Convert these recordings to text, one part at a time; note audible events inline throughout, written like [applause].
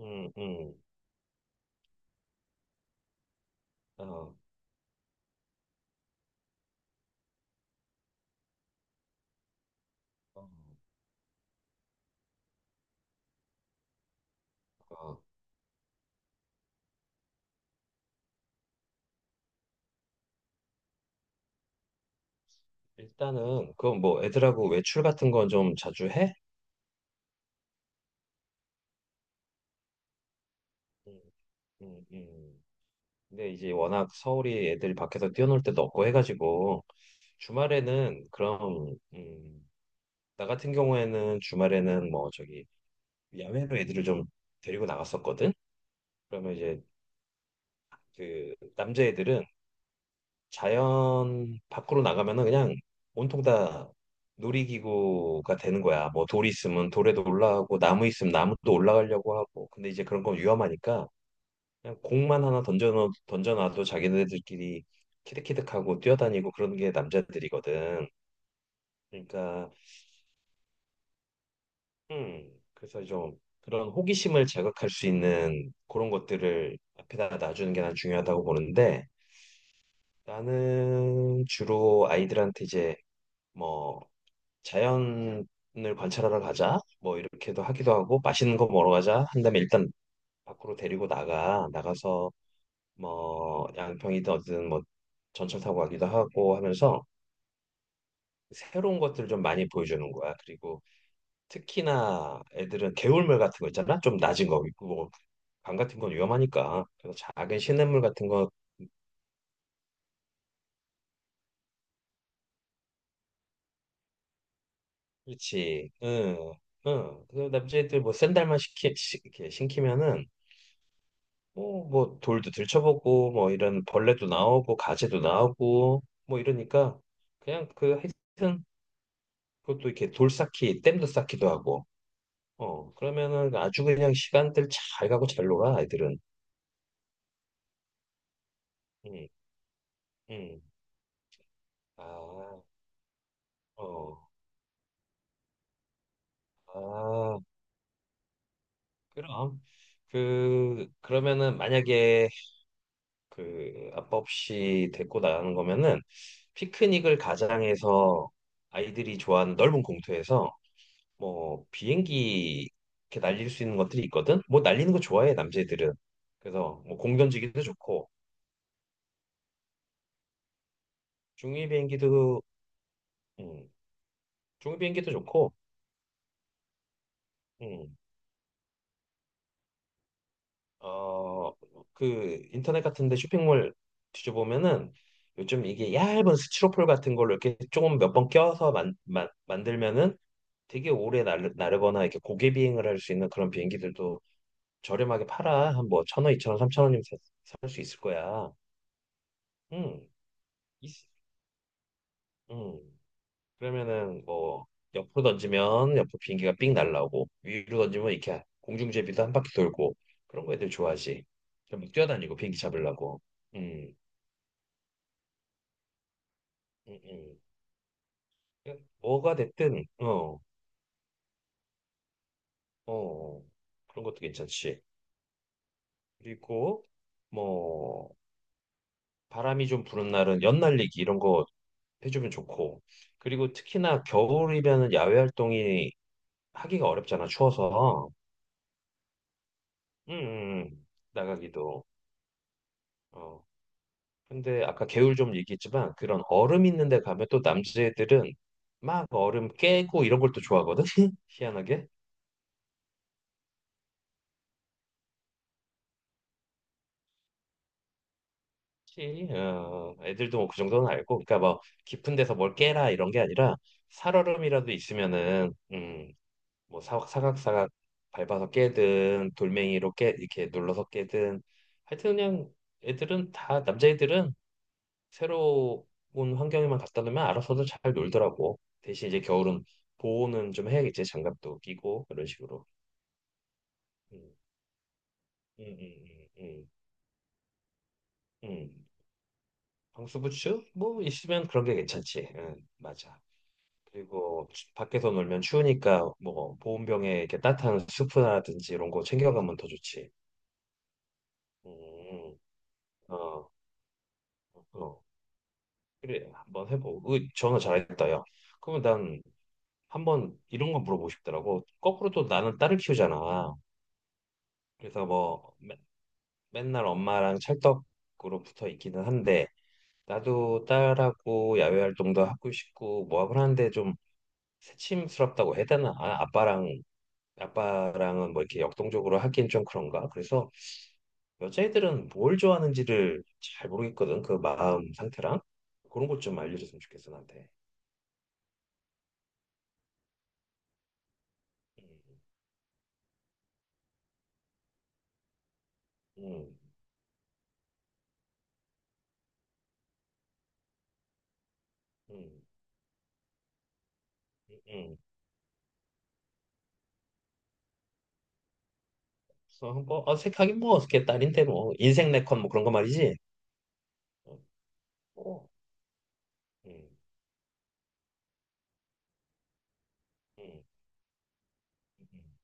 음, 음, 어, 어, 어. 일단은 그뭐 애들하고 외출 같은 건 좀 자주 해? 음, 음, 음. 근데 이제 워낙 서울이 애들이 밖에서 뛰어놀 때도 없고 해가지고 주말에는 그럼 나 같은 경우에는 주말에는 뭐 저기 야외로 애들을 좀 데리고 나갔었거든. 그러면 이제 그 남자애들은 자연 밖으로 나가면은 그냥 온통 다 놀이기구가 되는 거야. 뭐 돌 있으면 돌에도 올라가고 나무 있으면 나무도 올라가려고 하고. 근데 이제 그런 건 위험하니까 그냥 공만 하나 던져놔도 자기네들끼리 키득키득하고 뛰어다니고 그런 게 남자들이거든. 그러니까 그래서 좀 그런 호기심을 자극할 수 있는 그런 것들을 앞에다 놔주는 게 난 중요하다고 보는데 나는 주로 아이들한테 이제 뭐 자연을 관찰하러 가자. 뭐 이렇게도 하기도 하고 맛있는 거 먹으러 가자. 한 다음에 일단 밖으로 데리고 나가. 나가서 뭐 양평이든 어디든 뭐 전철 타고 가기도 하고 하면서 새로운 것들을 좀 많이 보여주는 거야. 그리고 특히나 애들은 개울물 같은 거 있잖아. 좀 낮은 거. 그 뭐강 같은 건 위험하니까. 그래서 작은 시냇물 같은 거. 그렇지. 응. 응. 그 남자애들 뭐 샌들만 이렇게 신기면은 뭐, 뭐 돌도 들춰보고 뭐 이런 벌레도 나오고 가재도 나오고 뭐 이러니까 그냥 그 하여튼 그것도 이렇게 돌 쌓기, 댐도 쌓기도 하고 어 그러면은 아주 그냥 시간들 잘 가고 잘 놀아 아이들은. 음, 음. 아, 어, 아, 그럼 그 그러면은 만약에 그 아빠 없이 데리고 나가는 거면은 피크닉을 가장해서 아이들이 좋아하는 넓은 공터에서 뭐 비행기 이렇게 날릴 수 있는 것들이 있거든. 뭐 날리는 거 좋아해 남자애들은. 그래서 뭐 공 던지기도 좋고 중이 비행기도. 음, 중 비행기도 좋고. 음, 어, 그 인터넷 같은데 쇼핑몰 뒤져보면은 요즘 이게 얇은 스티로폴 같은 걸로 이렇게 조금 몇 번 껴서 만들면은 되게 오래 나르거나 이렇게 고개 비행을 할 수 있는 그런 비행기들도 저렴하게 팔아. 한 뭐 1,000원, 2,000원, 삼천 원이면 살 수 있을 거야. 음. 있- 음. 그러면은 뭐 옆으로 던지면 옆으로 비행기가 삥 날라오고 위로 던지면 이렇게 공중제비도 한 바퀴 돌고 그런 거 애들 좋아하지. 전막 뛰어다니고 비행기 잡으려고. 음, 음, 음. 뭐가 됐든 어, 어, 어. 그런 것도 괜찮지. 그리고 뭐 바람이 좀 부는 날은 연날리기 이런 거 해주면 좋고. 그리고 특히나 겨울이면은 야외 활동이 하기가 어렵잖아 추워서. 음, 음, 음. 나가기도. 어. 근데 아까 개울 좀 얘기했지만 그런 얼음 있는 데 가면 또 남자애들은 막 얼음 깨고 이런 걸 또 좋아하거든. [laughs] 희한하게. 혹시, 어, 애들도 뭐 그 정도는 알고. 그러니까 뭐 깊은 데서 뭘 깨라 이런 게 아니라 살얼음이라도 있으면은 뭐 사각 사각 사각 밟아서 깨든 돌멩이로 깨 이렇게 눌러서 깨든 하여튼 그냥 애들은 다 남자애들은 새로운 환경에만 갖다 놓으면 알아서도 잘 놀더라고. 대신 이제 겨울은 보호는 좀 해야겠지. 장갑도 끼고 이런 식으로. 음, 음, 음, 음, 음. 방수부츠 뭐 있으면 그런 게 괜찮지. 응, 맞아. 그리고 밖에서 놀면 추우니까 뭐 보온병에 이렇게 따뜻한 수프라든지 이런 거 챙겨가면 더 좋지. 음, 어, 어. 어. 그래, 한번 해보고. 으, 전화 잘했다, 야. 그러면 난 한번 이런 거 물어보고 싶더라고. 거꾸로 또 나는 딸을 키우잖아. 그래서 뭐 맨날 엄마랑 찰떡으로 붙어 있기는 한데 나도 딸하고 야외 활동도 하고 싶고 뭐 하고 하는데 좀 새침스럽다고 해야 되나? 아, 아빠랑은 뭐 이렇게 역동적으로 하기엔 좀 그런가? 그래서 여자애들은 뭘 좋아하는지를 잘 모르겠거든. 그 마음 상태랑 그런 것 좀 알려줬으면 좋겠어 나한테. 음, 음, 음, 음. 그래서 한번 어색하긴 뭐 어색해 딸인데 뭐 인생 네컷뭐 그런 거 말이지. 어, 어, 음, 음. 음.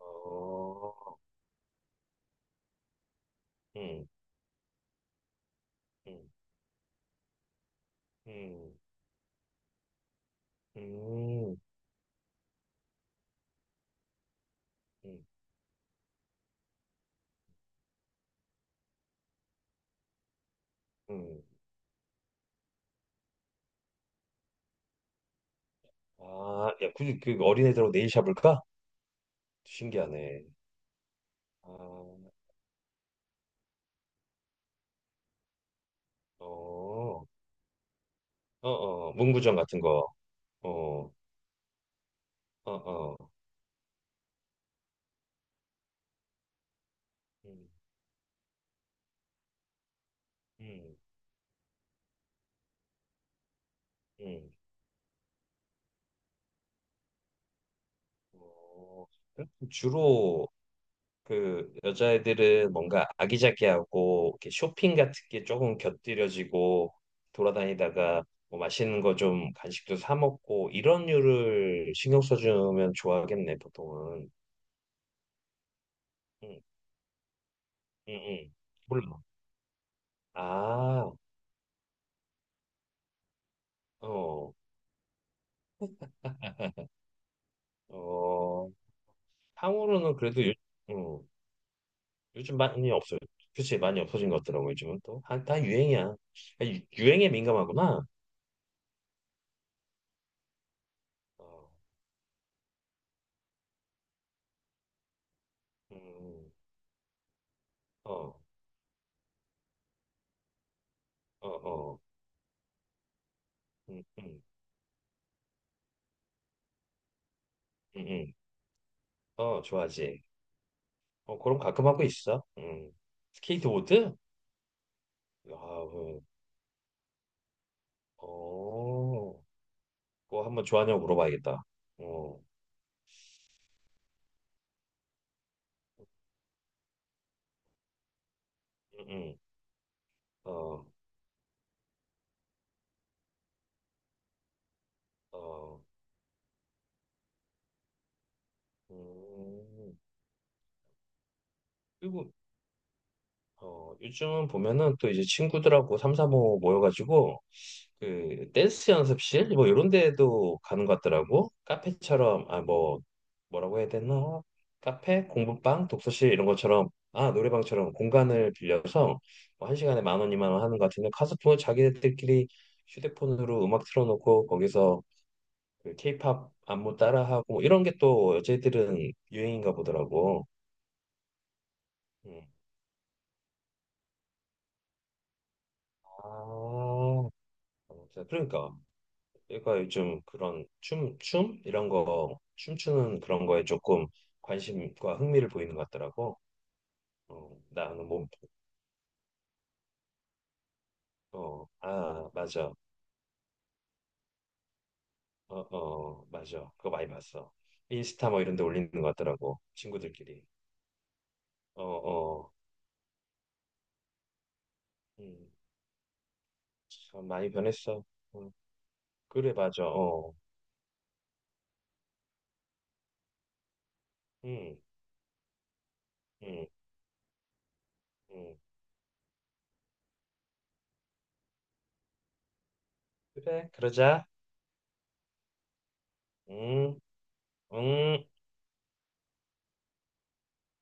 어, 음, 음, 음, 음, 음, 음. 아, 야, 굳이 그 어린애들하고 네일 샵을까? 신기하네. 아, 어, 어, 어, 문구점 같은 거. 어, 어, 어. 음, 음, 음. 어, 그럼 주로 그 여자애들은 뭔가 아기자기하고 이렇게 쇼핑 같은 게 조금 곁들여지고 돌아다니다가 뭐 맛있는 거 좀 간식도 사 먹고 이런 류를 신경 써주면 좋아하겠네 보통은. 응, 응, 응. 몰라. 아, 어, 어. 탕후루는 그래도 요, 음, 요즘 많이 없어요. 그치, 많이 없어진 것 같더라고 요즘은 또. 다 유행이야. 아, 유행에 민감하구나. 어, 음, 어, 어, 어. 음, 음. 음, 음. 어, 좋아하지. 어, 그럼 가끔 하고 있어. 음. 스케이트보드? 아, 어, 어. 그거 한번 좋아하냐고 물어봐야겠다. 어, 음, 음. 어, 어, 음. 그리고, 어, 요즘 보면은 또 이제 친구들하고 삼삼오오 모여가지고, 그, 댄스 연습실? 뭐, 이런 데도 가는 것 같더라고. 카페처럼, 아, 뭐, 뭐라고 해야 되나? 카페, 공부방, 독서실 이런 것처럼 아 노래방처럼 공간을 빌려서 뭐한 시간에 10,000원, 20,000원 하는 것 같은데 카스프 자기들끼리 휴대폰으로 음악 틀어놓고 거기서 그 케이팝 안무 따라하고 뭐 이런 게 또 여자애들은 유행인가 보더라고. 음. 아, 진짜 그러니까 얘가 요즘 그런 춤 이런 거 춤추는 그런 거에 조금 관심과 흥미를 보이는 것 같더라고. 어, 나는 뭐, 어, 아, 맞아. 어, 어, 맞아. 그거 많이 봤어. 인스타 뭐 이런 데 올리는 것 같더라고. 친구들끼리. 어, 어. 음, 참 많이 변했어. 음, 그래, 맞아. 어. 음, 음, 음. 그래, 그러자. 음, 음.